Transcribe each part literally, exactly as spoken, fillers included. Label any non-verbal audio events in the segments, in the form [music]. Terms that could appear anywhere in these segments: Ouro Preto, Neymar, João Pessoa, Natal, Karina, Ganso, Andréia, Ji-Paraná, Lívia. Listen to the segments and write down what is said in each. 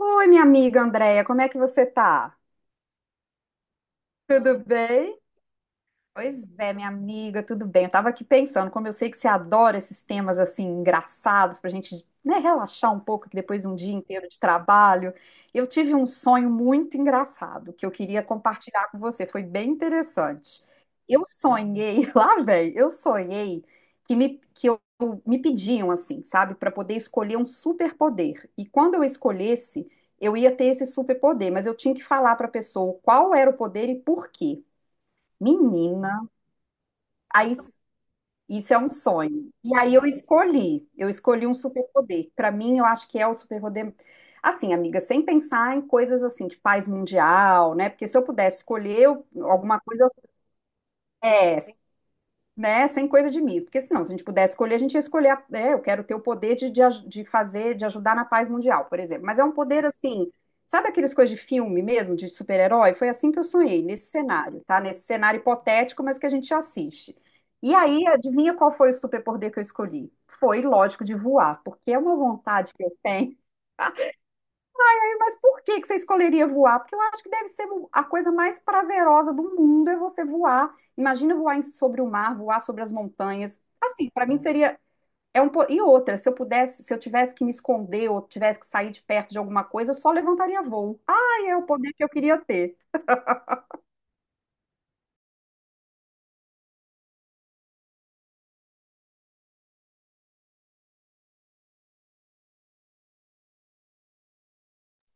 Oi, minha amiga Andréia, como é que você tá? Tudo bem? Pois é, minha amiga, tudo bem? Eu tava aqui pensando, como eu sei que você adora esses temas assim engraçados pra gente, né, relaxar um pouco que depois de um dia inteiro de trabalho, eu tive um sonho muito engraçado que eu queria compartilhar com você, foi bem interessante. Eu sonhei, [laughs] lá velho, eu sonhei que me que eu me pediam assim, sabe, para poder escolher um superpoder. E quando eu escolhesse, eu ia ter esse superpoder, mas eu tinha que falar pra pessoa qual era o poder e por quê. Menina, aí, isso é um sonho. E aí eu escolhi, eu escolhi um superpoder. Para mim, eu acho que é o superpoder. Assim, amiga, sem pensar em coisas assim de paz mundial, né? Porque se eu pudesse escolher eu- alguma coisa, eu- é, né? Sem coisa de mim, porque senão, se a gente pudesse escolher, a gente ia escolher, a- é, eu quero ter o poder de, de, aj- de fazer, de ajudar na paz mundial, por exemplo. Mas é um poder assim, sabe aqueles coisas de filme mesmo, de super-herói? Foi assim que eu sonhei, nesse cenário, tá? Nesse cenário hipotético, mas que a gente assiste. E aí, adivinha qual foi o superpoder que eu escolhi? Foi, lógico, de voar, porque é uma vontade que eu tenho. Mas por que que você escolheria voar? Porque eu acho que deve ser a coisa mais prazerosa do mundo é você voar. Imagina voar em- sobre o mar, voar sobre as montanhas. Assim, para mim seria é um po- e outra, se eu pudesse, se eu tivesse que me esconder ou tivesse que sair de perto de alguma coisa, eu só levantaria voo. Ai, é o poder que eu queria ter.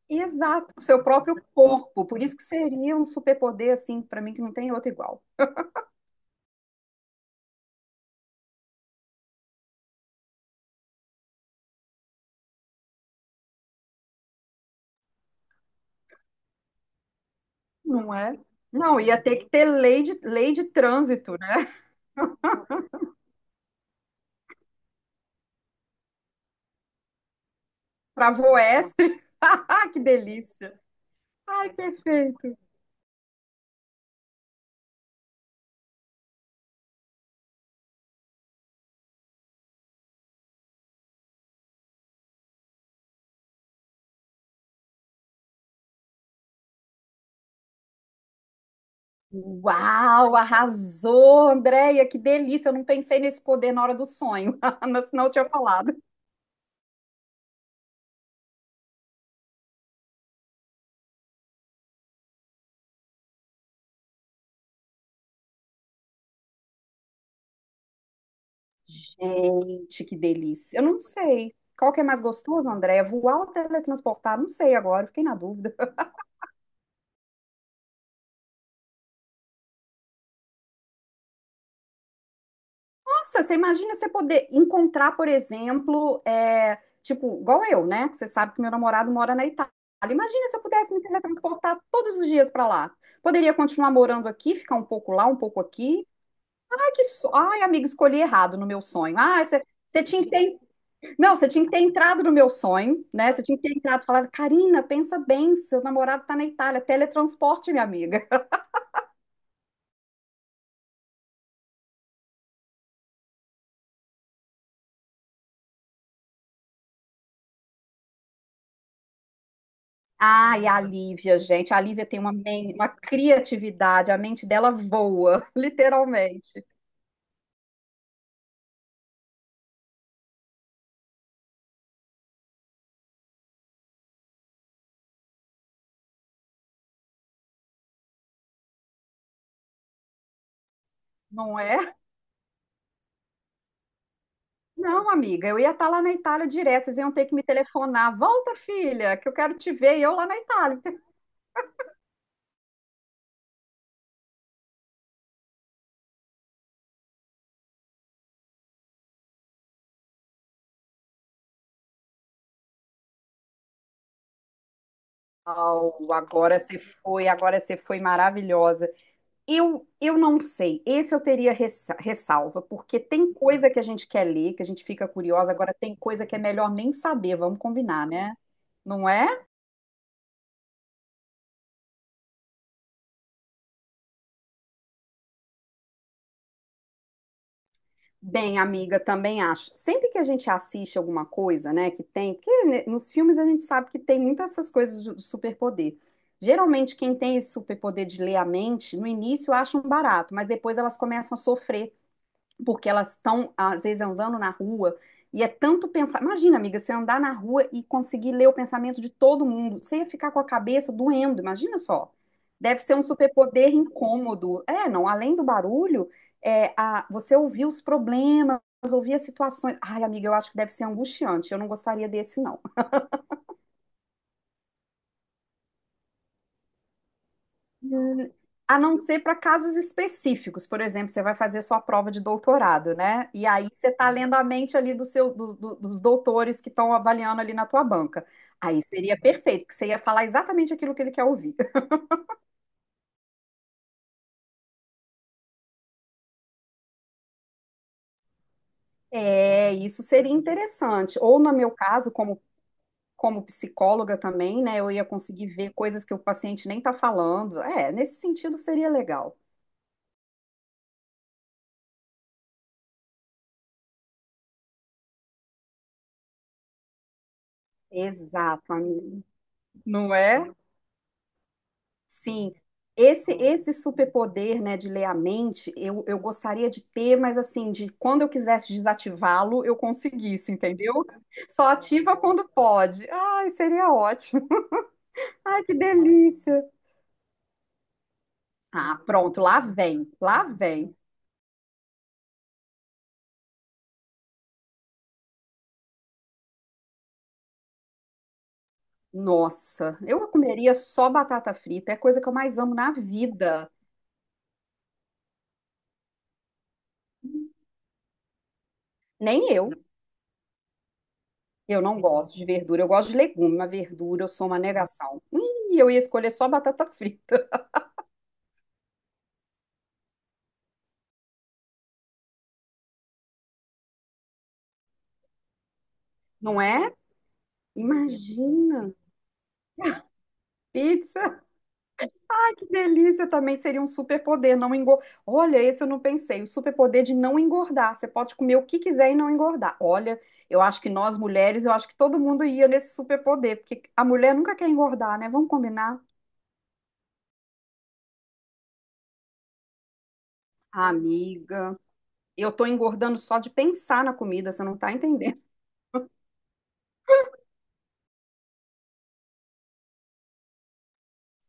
Exato, o seu próprio corpo. Por isso que seria um superpoder assim, para mim que não tem outro igual. Não é? Não, ia ter que ter lei de, lei de trânsito, né? Para voestre. [laughs] Que delícia. Ai, perfeito. Uau, arrasou, Andréia, que delícia. Eu não pensei nesse poder na hora do sonho, [laughs] mas senão eu tinha falado. Gente, que delícia. Eu não sei. Qual que é mais gostoso, Andréia? Voar ou teletransportar? Não sei agora, fiquei na dúvida. [laughs] Nossa, você imagina você poder encontrar, por exemplo, é, tipo, igual eu, né? Que você sabe que meu namorado mora na Itália. Imagina se eu pudesse me teletransportar todos os dias para lá. Poderia continuar morando aqui, ficar um pouco lá, um pouco aqui, que so... Ai, amiga, escolhi errado no meu sonho. Ah, você você tinha que ter. Não, você tinha que ter entrado no meu sonho, né? Você tinha que ter entrado e falado, Karina, pensa bem, seu namorado tá na Itália, teletransporte, minha amiga. [laughs] Ai, a Lívia, gente, a Lívia tem uma, men- uma criatividade, a mente dela voa, [laughs] literalmente. Não é? Não, amiga, eu ia estar lá na Itália direto, vocês iam ter que me telefonar. Volta, filha, que eu quero te ver, e eu lá na Itália. [laughs] Au, agora você foi, agora você foi maravilhosa. Eu, eu não sei. Esse eu teria ressa- ressalva, porque tem coisa que a gente quer ler, que a gente fica curiosa, agora tem coisa que é melhor nem saber, vamos combinar, né? Não é? Bem, amiga, também acho. Sempre que a gente assiste alguma coisa, né, que tem, porque né, nos filmes a gente sabe que tem muitas essas coisas de de superpoder. Geralmente quem tem esse superpoder de ler a mente, no início acham barato, mas depois elas começam a sofrer porque elas estão, às vezes, andando na rua e é tanto pensar. Imagina, amiga, você andar na rua e conseguir ler o pensamento de todo mundo. Você ia ficar com a cabeça doendo, imagina só. Deve ser um superpoder incômodo. É, não, além do barulho, é, a, você ouvir os problemas, ouvir as situações. Ai, amiga, eu acho que deve ser angustiante. Eu não gostaria desse, não. Hum. A não ser para casos específicos. Por exemplo, você vai fazer sua prova de doutorado, né? E aí você está lendo a mente ali do seu, do- do- dos doutores que estão avaliando ali na tua banca. Aí seria perfeito, porque você ia falar exatamente aquilo que ele quer ouvir. É, isso seria interessante. Ou no meu caso, como, como psicóloga também, né? Eu ia conseguir ver coisas que o paciente nem está falando. É, nesse sentido seria legal. Exato, amigo. Não é? Sim, esse esse superpoder, né, de ler a mente, eu, eu gostaria de ter, mas assim, de quando eu quisesse desativá-lo, eu conseguisse, entendeu? Só ativa quando pode. Ai, seria ótimo. Ai, que delícia. Ah, pronto, lá vem, lá vem. Nossa, eu comeria só batata frita, é a coisa que eu mais amo na vida. Nem eu, eu não gosto de verdura, eu gosto de legume, mas verdura eu sou uma negação. Ih, eu ia escolher só batata frita, não é? Imagina. Pizza, ai que delícia! Também seria um superpoder, não engordar. Olha, esse eu não pensei, o superpoder de não engordar. Você pode comer o que quiser e não engordar. Olha, eu acho que nós mulheres, eu acho que todo mundo ia nesse superpoder, porque a mulher nunca quer engordar, né? Vamos combinar? Ah, amiga, eu tô engordando só de pensar na comida, você não tá entendendo.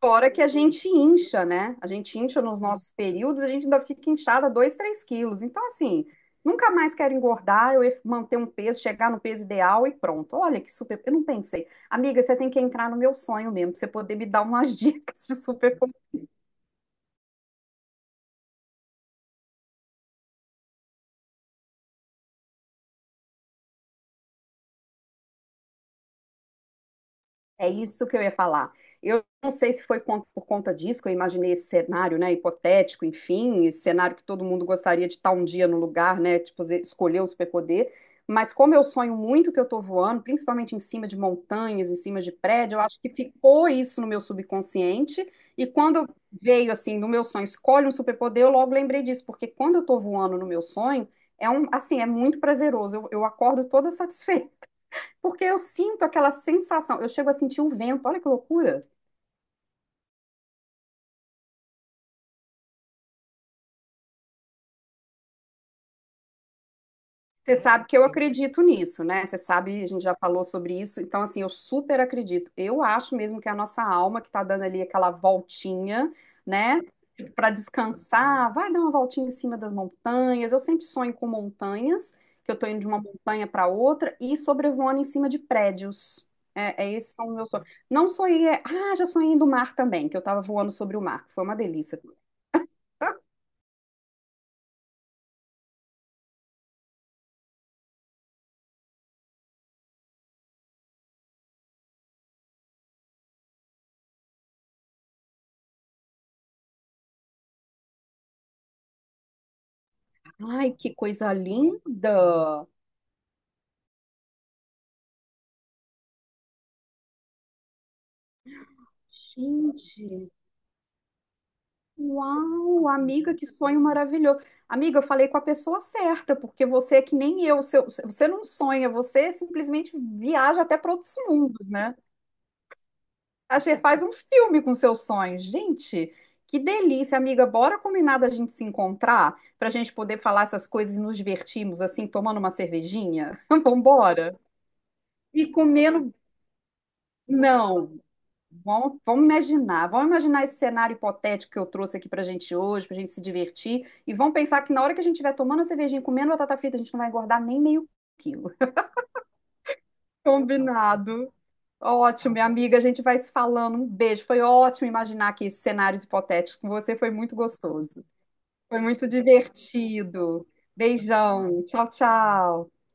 Fora que a gente incha, né? A gente incha nos nossos períodos, a gente ainda fica inchada dois, três quilos. Então, assim, nunca mais quero engordar, eu ia manter um peso, chegar no peso ideal e pronto. Olha que super. Eu não pensei. Amiga, você tem que entrar no meu sonho mesmo, pra você poder me dar umas [laughs] dicas de super. É isso que eu ia falar. Eu não sei se foi con- por conta disso que eu imaginei esse cenário, né, hipotético, enfim, esse cenário que todo mundo gostaria de estar um dia no lugar, né, tipo, ze- escolher o superpoder, mas como eu sonho muito que eu tô voando, principalmente em cima de montanhas, em cima de prédio, eu acho que ficou isso no meu subconsciente, e quando veio, assim, no meu sonho, escolhe um superpoder, eu logo lembrei disso, porque quando eu tô voando no meu sonho, é um, assim, é muito prazeroso, eu, eu acordo toda [laughs] satisfeita, porque eu sinto aquela sensação, eu chego a sentir um vento, olha que loucura. Você sabe que eu acredito nisso, né? Você sabe, a gente já falou sobre isso, então assim, eu super acredito. Eu acho mesmo que é a nossa alma que tá dando ali aquela voltinha, né, para descansar, vai dar uma voltinha em cima das montanhas. Eu sempre sonho com montanhas, que eu tô indo de uma montanha para outra e sobrevoando em cima de prédios. É, é esses são os meus sonhos. Não sonhei, ah, já sonhei do mar também, que eu tava voando sobre o mar, que foi uma delícia. Ai, que coisa linda! Gente, uau, amiga, que sonho maravilhoso. Amiga, eu falei com a pessoa certa, porque você é que nem eu, seu- você não sonha, você simplesmente viaja até para outros mundos, né? A gente faz um filme com seus sonhos. Gente, que delícia, amiga. Bora combinar da gente se encontrar para a gente poder falar essas coisas e nos divertirmos, assim, tomando uma cervejinha? [laughs] Vambora! E comendo. Não. Vamos, vamos imaginar, vamos imaginar esse cenário hipotético que eu trouxe aqui pra gente hoje, pra gente se divertir, e vamos pensar que na hora que a gente estiver tomando a cervejinha, e comendo batata frita, a gente não vai engordar nem meio quilo. [laughs] Combinado. Ótimo, minha amiga, a gente vai se falando. Um beijo. Foi ótimo imaginar aqui esses cenários hipotéticos com você, foi muito gostoso. Foi muito divertido. Beijão. Tchau, tchau.